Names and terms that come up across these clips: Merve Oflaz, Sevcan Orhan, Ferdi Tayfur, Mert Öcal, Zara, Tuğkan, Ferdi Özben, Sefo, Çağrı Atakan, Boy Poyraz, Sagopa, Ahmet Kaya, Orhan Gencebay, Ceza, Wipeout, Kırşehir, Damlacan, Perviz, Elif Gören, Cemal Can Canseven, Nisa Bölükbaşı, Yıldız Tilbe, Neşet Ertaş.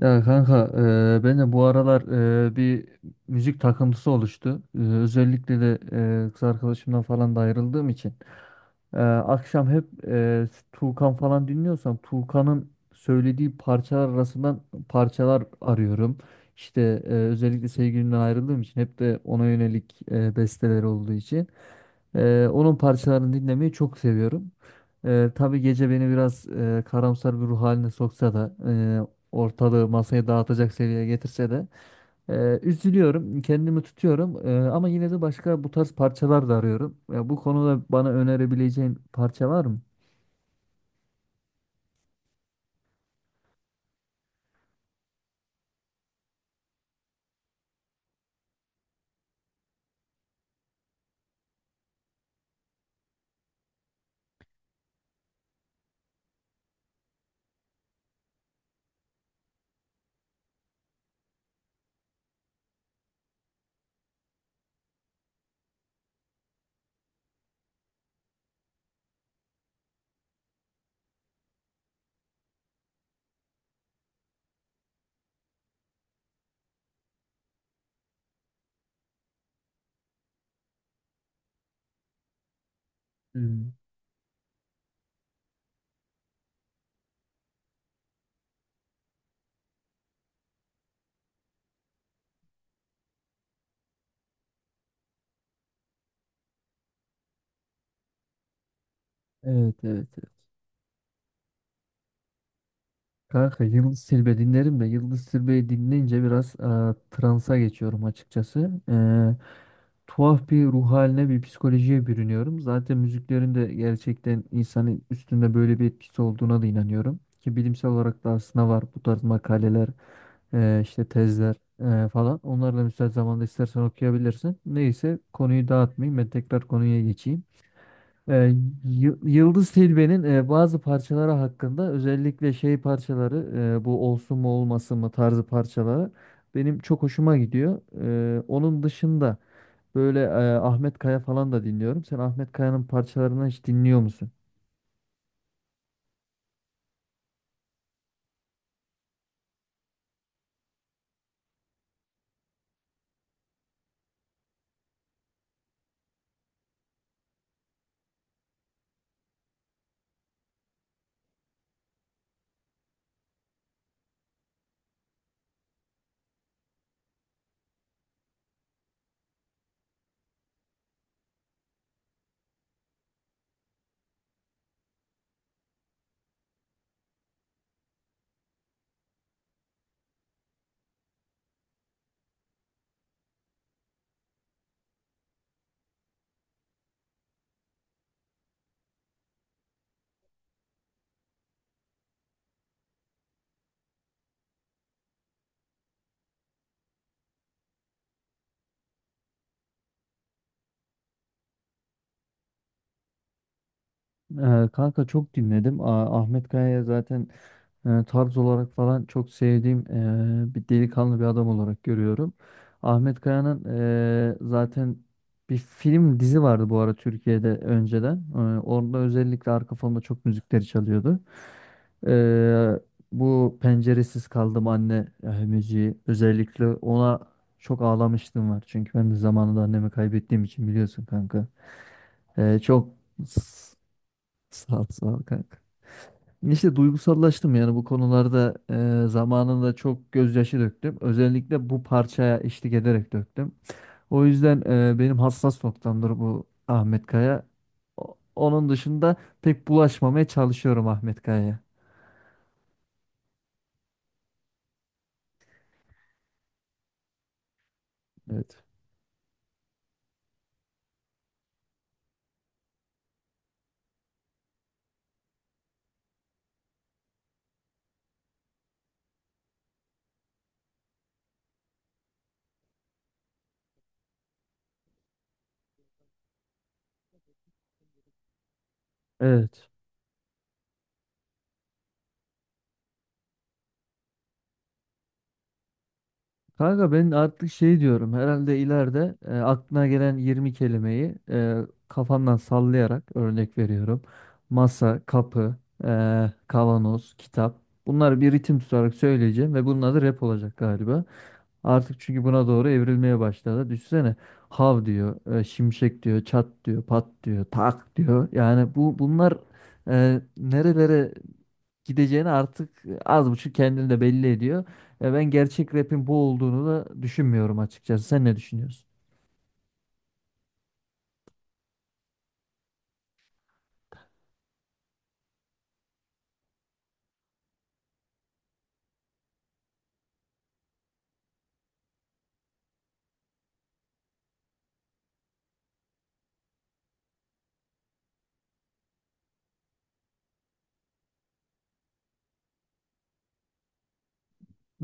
Ya kanka, ben de bu aralar bir müzik takıntısı oluştu. Özellikle de kız arkadaşımdan falan da ayrıldığım için. Akşam hep Tuğkan falan dinliyorsam, Tuğkan'ın söylediği parçalar arasından parçalar arıyorum. İşte, özellikle sevgilimden ayrıldığım için hep de ona yönelik besteler olduğu için. Onun parçalarını dinlemeyi çok seviyorum. Tabii gece beni biraz karamsar bir ruh haline soksa da, ortalığı masaya dağıtacak seviyeye getirse de, üzülüyorum, kendimi tutuyorum, ama yine de başka bu tarz parçalar da arıyorum. Ya bu konuda bana önerebileceğin parça var mı? Hmm. Evet, evet. Kanka, Yıldız Tilbe dinlerim de Yıldız Tilbe'yi dinleyince biraz transa geçiyorum açıkçası. Tuhaf bir ruh haline, bir psikolojiye bürünüyorum. Zaten müziklerin de gerçekten insanın üstünde böyle bir etkisi olduğuna da inanıyorum. Ki bilimsel olarak da aslında var bu tarz makaleler, işte tezler falan. Onları da müsait zamanda istersen okuyabilirsin. Neyse, konuyu dağıtmayayım, ben tekrar konuya geçeyim. E, Yıldız Tilbe'nin bazı parçaları hakkında, özellikle şey parçaları, bu olsun mu olmasın mı tarzı parçaları benim çok hoşuma gidiyor. Onun dışında böyle Ahmet Kaya falan da dinliyorum. Sen Ahmet Kaya'nın parçalarını hiç dinliyor musun? Kanka, çok dinledim. Ahmet Kaya'ya zaten tarz olarak falan çok sevdiğim bir delikanlı, bir adam olarak görüyorum. Ahmet Kaya'nın zaten bir film, dizi vardı bu ara Türkiye'de önceden. Orada özellikle arka fonda çok müzikleri çalıyordu. E, Bu penceresiz kaldım anne müziği, özellikle ona çok ağlamıştım var. Çünkü ben de zamanında annemi kaybettiğim için biliyorsun kanka. Çok sağ ol, sağ ol kanka. İşte, duygusallaştım yani bu konularda, zamanında çok gözyaşı döktüm. Özellikle bu parçaya eşlik ederek döktüm. O yüzden benim hassas noktamdır bu Ahmet Kaya. Onun dışında pek bulaşmamaya çalışıyorum Ahmet Kaya'ya. Evet. Evet. Kanka, ben artık şey diyorum, herhalde ileride aklına gelen 20 kelimeyi kafandan sallayarak örnek veriyorum. Masa, kapı, kavanoz, kitap. Bunları bir ritim tutarak söyleyeceğim ve bunun adı rap olacak galiba. Artık çünkü buna doğru evrilmeye başladı. Düşünsene, hav diyor, şimşek diyor, çat diyor, pat diyor, tak diyor. Yani bu, bunlar nerelere gideceğini artık az buçuk kendini de belli ediyor. Ben gerçek rap'in bu olduğunu da düşünmüyorum açıkçası. Sen ne düşünüyorsun?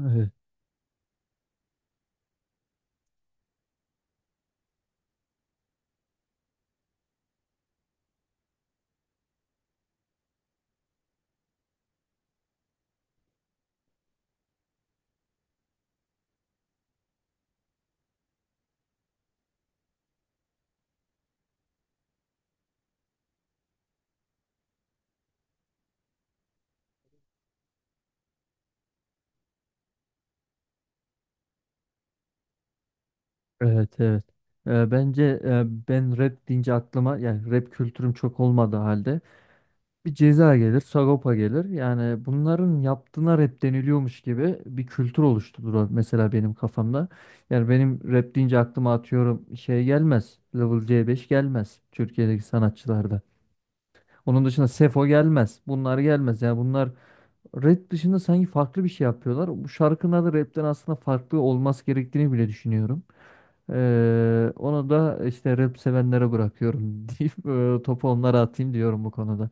Evet, evet, evet. Bence, ben rap deyince aklıma, yani rap kültürüm çok olmadığı halde, bir Ceza gelir, Sagopa gelir. Yani bunların yaptığına rap deniliyormuş gibi bir kültür oluşturdu mesela benim kafamda. Yani benim rap deyince aklıma atıyorum şey gelmez. Level C5 gelmez Türkiye'deki sanatçılarda. Onun dışında Sefo gelmez. Bunlar gelmez. Yani bunlar rap dışında sanki farklı bir şey yapıyorlar. Bu şarkının adı rapten aslında farklı olması gerektiğini bile düşünüyorum. Onu da işte rap sevenlere bırakıyorum deyip topu onlara atayım diyorum bu konuda.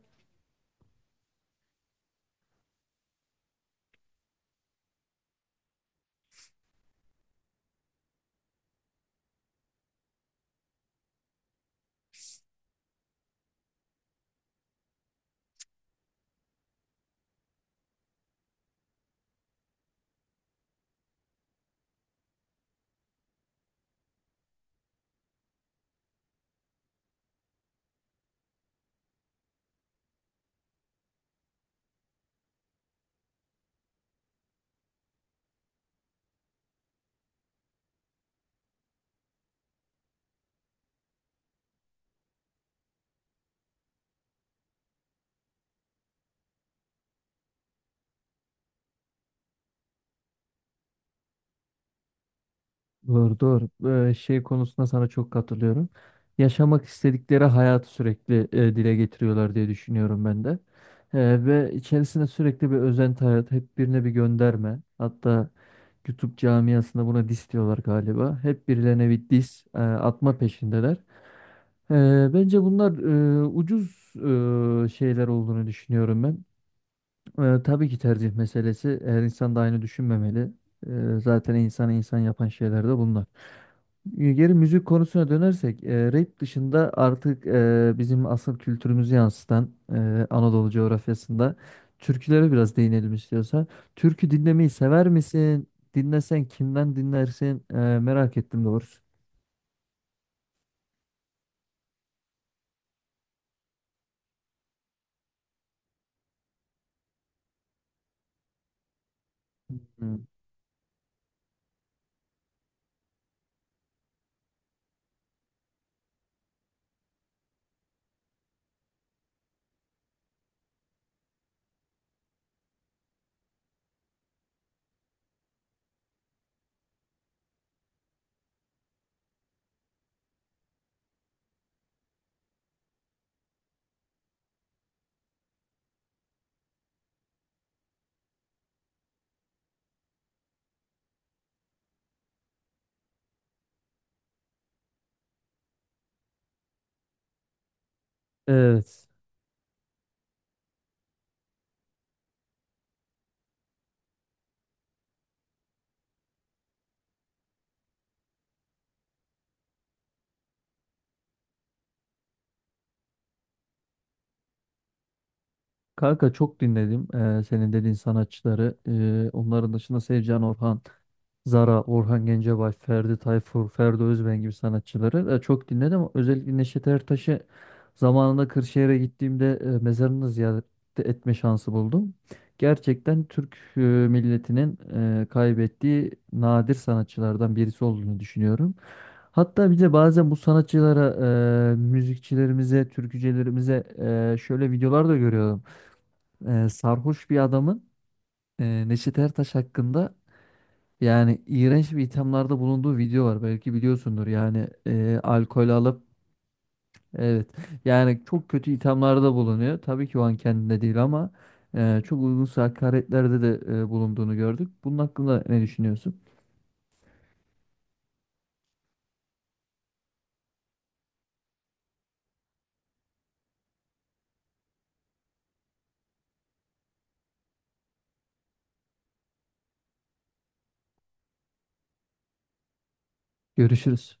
Doğru, doğru. Şey konusunda sana çok katılıyorum. Yaşamak istedikleri hayatı sürekli dile getiriyorlar diye düşünüyorum ben de. Ve içerisinde sürekli bir özenti hayat, hep birine bir gönderme. Hatta YouTube camiasında buna diss diyorlar galiba. Hep birilerine bir diss atma peşindeler. Bence bunlar, ucuz şeyler olduğunu düşünüyorum ben. Tabii ki tercih meselesi. Her insan da aynı düşünmemeli. Zaten insanı insan yapan şeyler de bunlar. Geri müzik konusuna dönersek, rap dışında artık bizim asıl kültürümüzü yansıtan Anadolu coğrafyasında türkülere biraz değinelim istiyorsan. Türkü dinlemeyi sever misin? Dinlesen kimden dinlersin? Merak ettim doğrusu. Hmm. Evet. Kanka, çok dinledim senin dediğin sanatçıları. Onların dışında Sevcan Orhan. Zara, Orhan Gencebay, Ferdi Tayfur, Ferdi Özben gibi sanatçıları çok dinledim. Özellikle Neşet Ertaş'ı zamanında Kırşehir'e gittiğimde mezarını ziyaret etme şansı buldum. Gerçekten Türk milletinin kaybettiği nadir sanatçılardan birisi olduğunu düşünüyorum. Hatta bir de bazen bu sanatçılara, müzikçilerimize, türkücülerimize şöyle videolar da görüyorum. Sarhoş bir adamın Neşet Ertaş hakkında yani iğrenç bir ithamlarda bulunduğu video var. Belki biliyorsundur. Yani alkol alıp, evet. Yani çok kötü ithamlarda bulunuyor. Tabii ki o an kendinde değil ama çok uygunsuz hakaretlerde de bulunduğunu gördük. Bunun hakkında ne düşünüyorsun? Görüşürüz.